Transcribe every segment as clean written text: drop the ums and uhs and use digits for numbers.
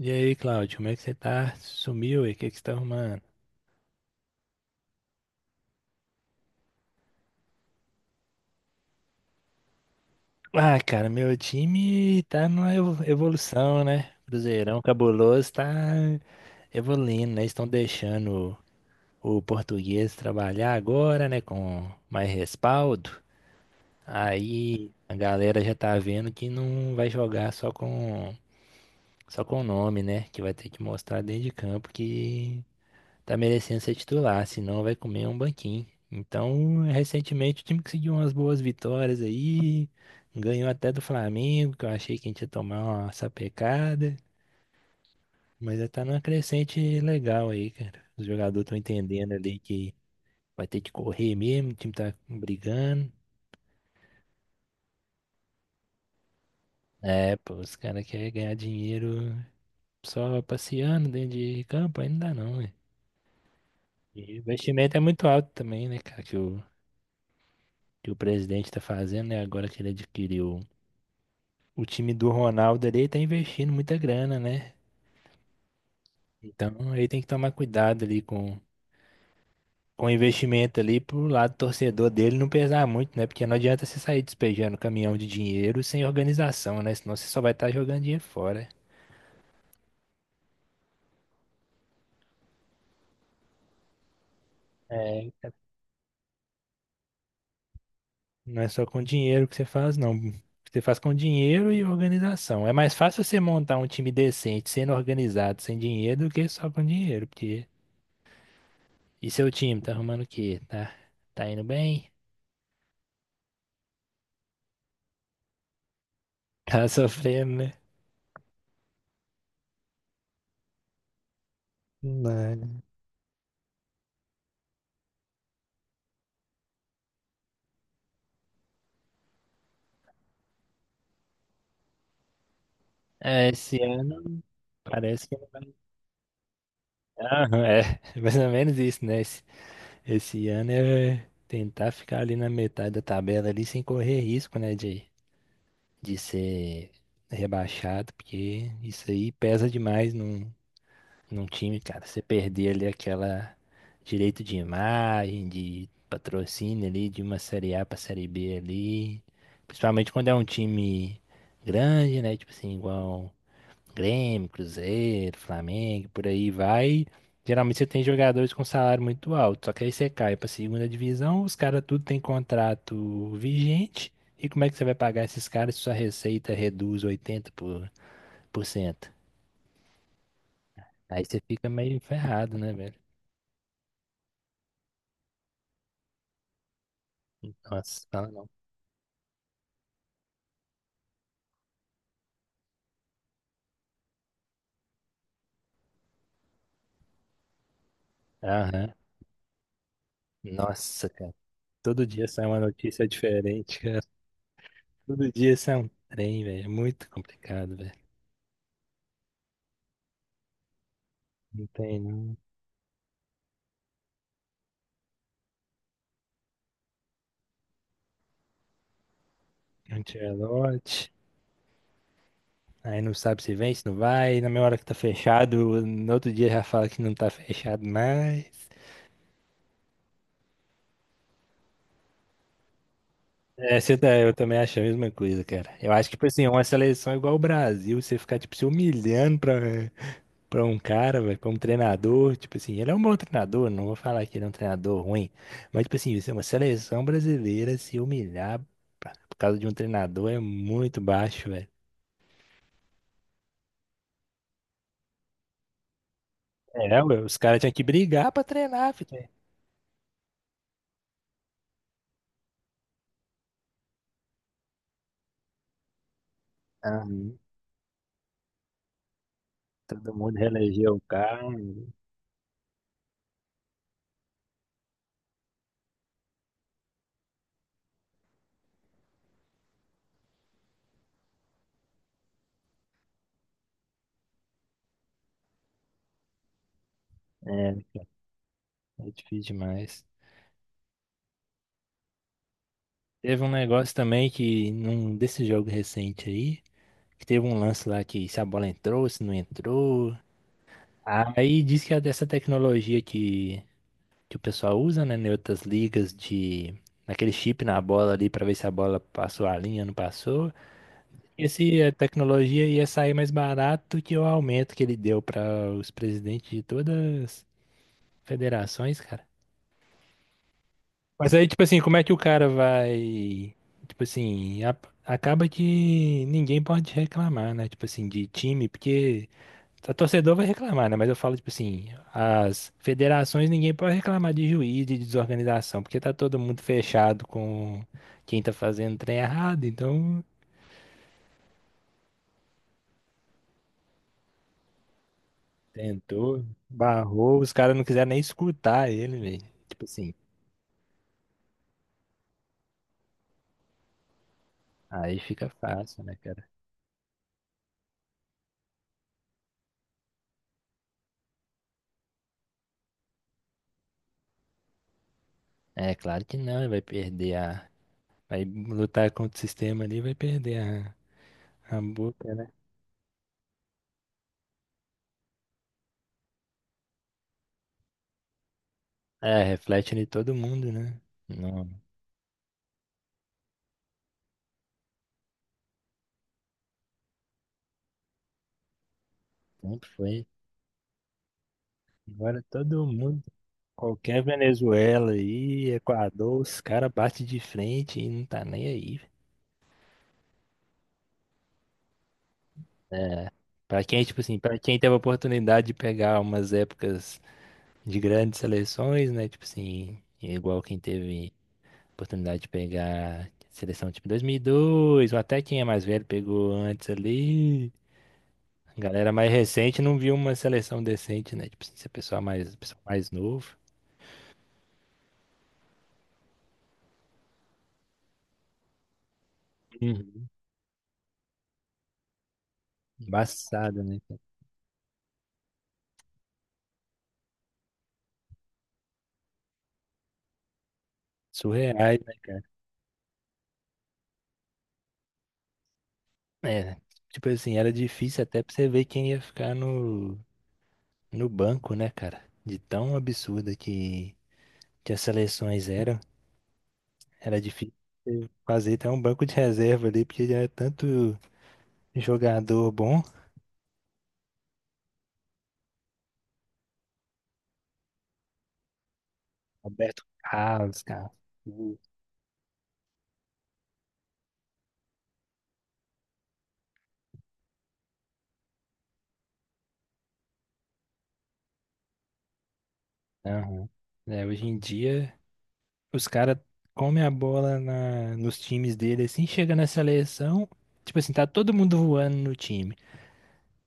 E aí, Cláudio, como é que você tá? Sumiu e o que você tá arrumando? Meu time tá numa evolução, né? Cruzeirão cabuloso tá evoluindo, né? Estão deixando o português trabalhar agora, né? Com mais respaldo. Aí a galera já tá vendo que não vai jogar só com o nome, né? Que vai ter que mostrar dentro de campo que tá merecendo ser titular, senão vai comer um banquinho. Então, recentemente o time conseguiu umas boas vitórias aí, ganhou até do Flamengo, que eu achei que a gente ia tomar uma sapecada, mas já tá numa crescente legal aí, cara. Os jogadores estão entendendo ali que vai ter que correr mesmo, o time tá brigando. É, pô, os caras querem ganhar dinheiro só passeando dentro de campo, aí não dá não, ué. E o investimento é muito alto também, né, cara, que o presidente tá fazendo, né, agora que ele adquiriu o time do Ronaldo ali tá investindo muita grana, né? Então ele tem que tomar cuidado ali com o investimento ali pro lado torcedor dele não pesar muito, né? Porque não adianta você sair despejando caminhão de dinheiro sem organização, né? Senão você só vai estar jogando dinheiro fora. É, não é só com dinheiro que você faz, não. Você faz com dinheiro e organização. É mais fácil você montar um time decente, sendo organizado, sem dinheiro, do que só com dinheiro, porque. E seu time, tá arrumando o quê? Tá, tá indo bem? Tá sofrendo, né? Não. É, esse ano parece que. Aham, é, mais ou menos isso, né? Esse ano é tentar ficar ali na metade da tabela ali sem correr risco, né? De ser rebaixado, porque isso aí pesa demais num time, cara. Você perder ali aquela direito de imagem, de patrocínio ali, de uma série A pra série B ali. Principalmente quando é um time grande, né? Tipo assim, igual. Grêmio, Cruzeiro, Flamengo, por aí vai. Geralmente você tem jogadores com salário muito alto, só que aí você cai para segunda divisão, os caras tudo tem contrato vigente. E como é que você vai pagar esses caras se sua receita reduz 80%? Aí você fica meio ferrado, né, velho? Nossa, fala não. Aham. Nossa, cara. Todo dia sai uma notícia diferente, cara. Todo dia sai um trem, velho. É muito complicado, velho. Não tem, não. Ancelotti. Aí não sabe se vem, se não vai. E na mesma hora que tá fechado, no outro dia já fala que não tá fechado mais. É, você tá, eu também acho a mesma coisa, cara. Eu acho que, tipo assim, uma seleção igual o Brasil, você ficar, tipo, se humilhando pra, pra um cara, velho, pra um treinador, tipo assim, ele é um bom treinador, não vou falar que ele é um treinador ruim, mas, tipo assim, isso é uma seleção brasileira se humilhar por causa de um treinador é muito baixo, velho. É, ué, os caras tinham que brigar pra treinar, filho. Aham. Todo mundo reelegeu o cara. É, é difícil demais. Teve um negócio também que, num desse jogo recente aí, que teve um lance lá que se a bola entrou, se não entrou. Aí diz que é dessa tecnologia que o pessoal usa, né, em outras ligas de. Naquele chip na bola ali pra ver se a bola passou a linha, não passou. E se a tecnologia ia sair mais barato que o aumento que ele deu pra os presidentes de todas as federações, cara. Mas aí, tipo assim, como é que o cara vai. Tipo assim, acaba que ninguém pode reclamar, né? Tipo assim, de time, porque a torcedor vai reclamar, né? Mas eu falo, tipo assim, as federações ninguém pode reclamar de juiz, de desorganização, porque tá todo mundo fechado com quem tá fazendo trem errado, então tentou, barrou, os caras não quiseram nem escutar ele, velho. Tipo assim, aí fica fácil, né, cara? É, claro que não, ele vai perder. Vai lutar contra o sistema ali, vai perder a boca, né? É, reflete em todo mundo, né? Não, sempre foi. Agora todo mundo, qualquer Venezuela aí, Equador, os caras batem de frente e não tá nem aí. Velho. Pra quem, tipo assim, pra quem teve a oportunidade de pegar umas épocas de grandes seleções, né? Tipo assim, igual quem teve oportunidade de pegar seleção tipo 2002, ou até quem é mais velho pegou antes ali. Galera mais recente não viu uma seleção decente, né? Tipo, se a pessoa mais novo. Uhum. Embaçado, né, cara? Surreais, né, cara? É, tipo assim, era difícil até pra você ver quem ia ficar no banco, né, cara? De tão absurda que as seleções eram, era difícil você fazer até um banco de reserva ali, porque era tanto jogador bom. Roberto Carlos, cara. Uhum. Aham. É, hoje em dia. Os caras comem a bola nos times dele, assim, chega na seleção, tipo assim, tá todo mundo voando no time.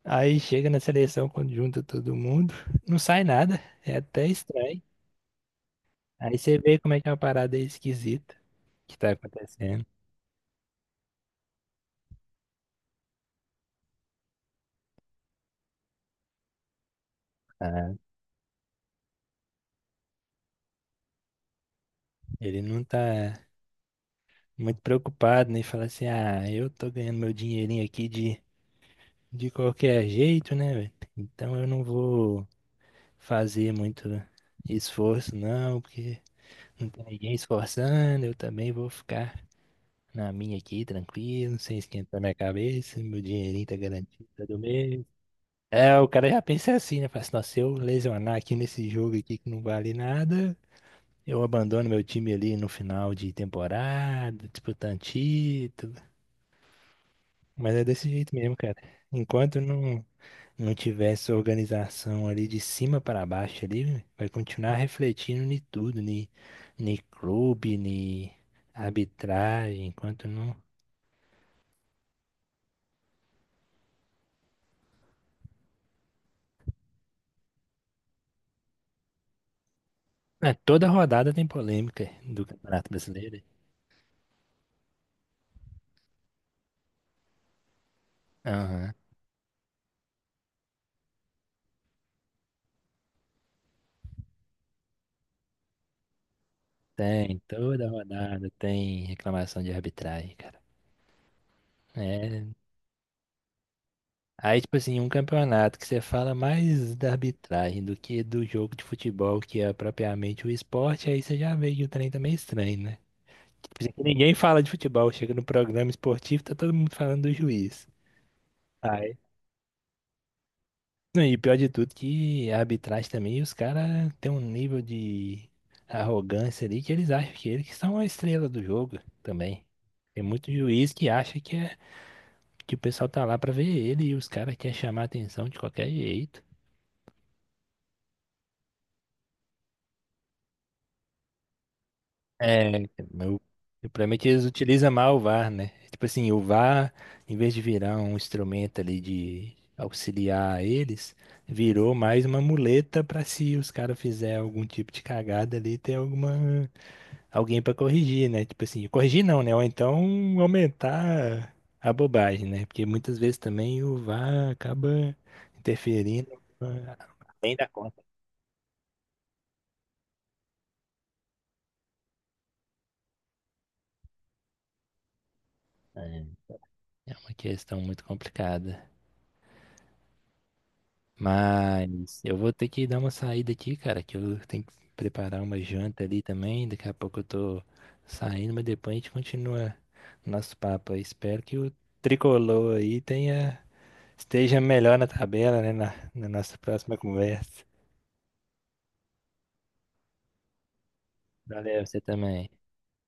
Aí chega na seleção, quando junta todo mundo, não sai nada, é até estranho. Aí você vê como é que é uma parada esquisita que tá acontecendo. Ah, ele não tá muito preocupado, nem fala assim, ah, eu tô ganhando meu dinheirinho aqui de qualquer jeito, né, velho? Então eu não vou fazer muito esforço, não, porque não tem ninguém esforçando, eu também vou ficar na minha aqui, tranquilo, sem esquentar minha cabeça, meu dinheirinho tá garantido, tá do mês. É, o cara já pensa assim, né? Fala assim, nossa, se eu lesionar aqui nesse jogo aqui que não vale nada, eu abandono meu time ali no final de temporada, disputando título. Mas é desse jeito mesmo, cara. Enquanto não, não tivesse organização ali de cima para baixo ali, vai continuar refletindo em tudo, em clube, em arbitragem, enquanto não. É, toda rodada tem polêmica do Campeonato Brasileiro. Aham. Tem, toda rodada tem reclamação de arbitragem, cara. É. Aí, tipo assim, um campeonato que você fala mais da arbitragem do que do jogo de futebol, que é propriamente o esporte, aí você já vê que o trem tá meio estranho, né? Por isso que ninguém fala de futebol, chega no programa esportivo, tá todo mundo falando do juiz. Aí. Não, e pior de tudo que a arbitragem também, os caras têm um nível de arrogância ali que eles acham que eles que são a estrela do jogo também. Tem muito juiz que acha que, é, que o pessoal tá lá pra ver ele e os caras querem chamar a atenção de qualquer jeito. É, meu, o problema é que eles utilizam mal o VAR, né? Tipo assim, o VAR, em vez de virar um instrumento ali de auxiliar eles, virou mais uma muleta pra se os caras fizerem algum tipo de cagada ali, ter alguma alguém pra corrigir, né? Tipo assim, corrigir não, né? Ou então aumentar a bobagem, né? Porque muitas vezes também o VAR acaba interferindo ah, além da conta. É, é uma questão muito complicada. Mas eu vou ter que dar uma saída aqui, cara, que eu tenho que preparar uma janta ali também. Daqui a pouco eu tô saindo, mas depois a gente continua nosso papo aí. Espero que o tricolor aí tenha, esteja melhor na tabela, né, na nossa próxima conversa. Valeu, você também.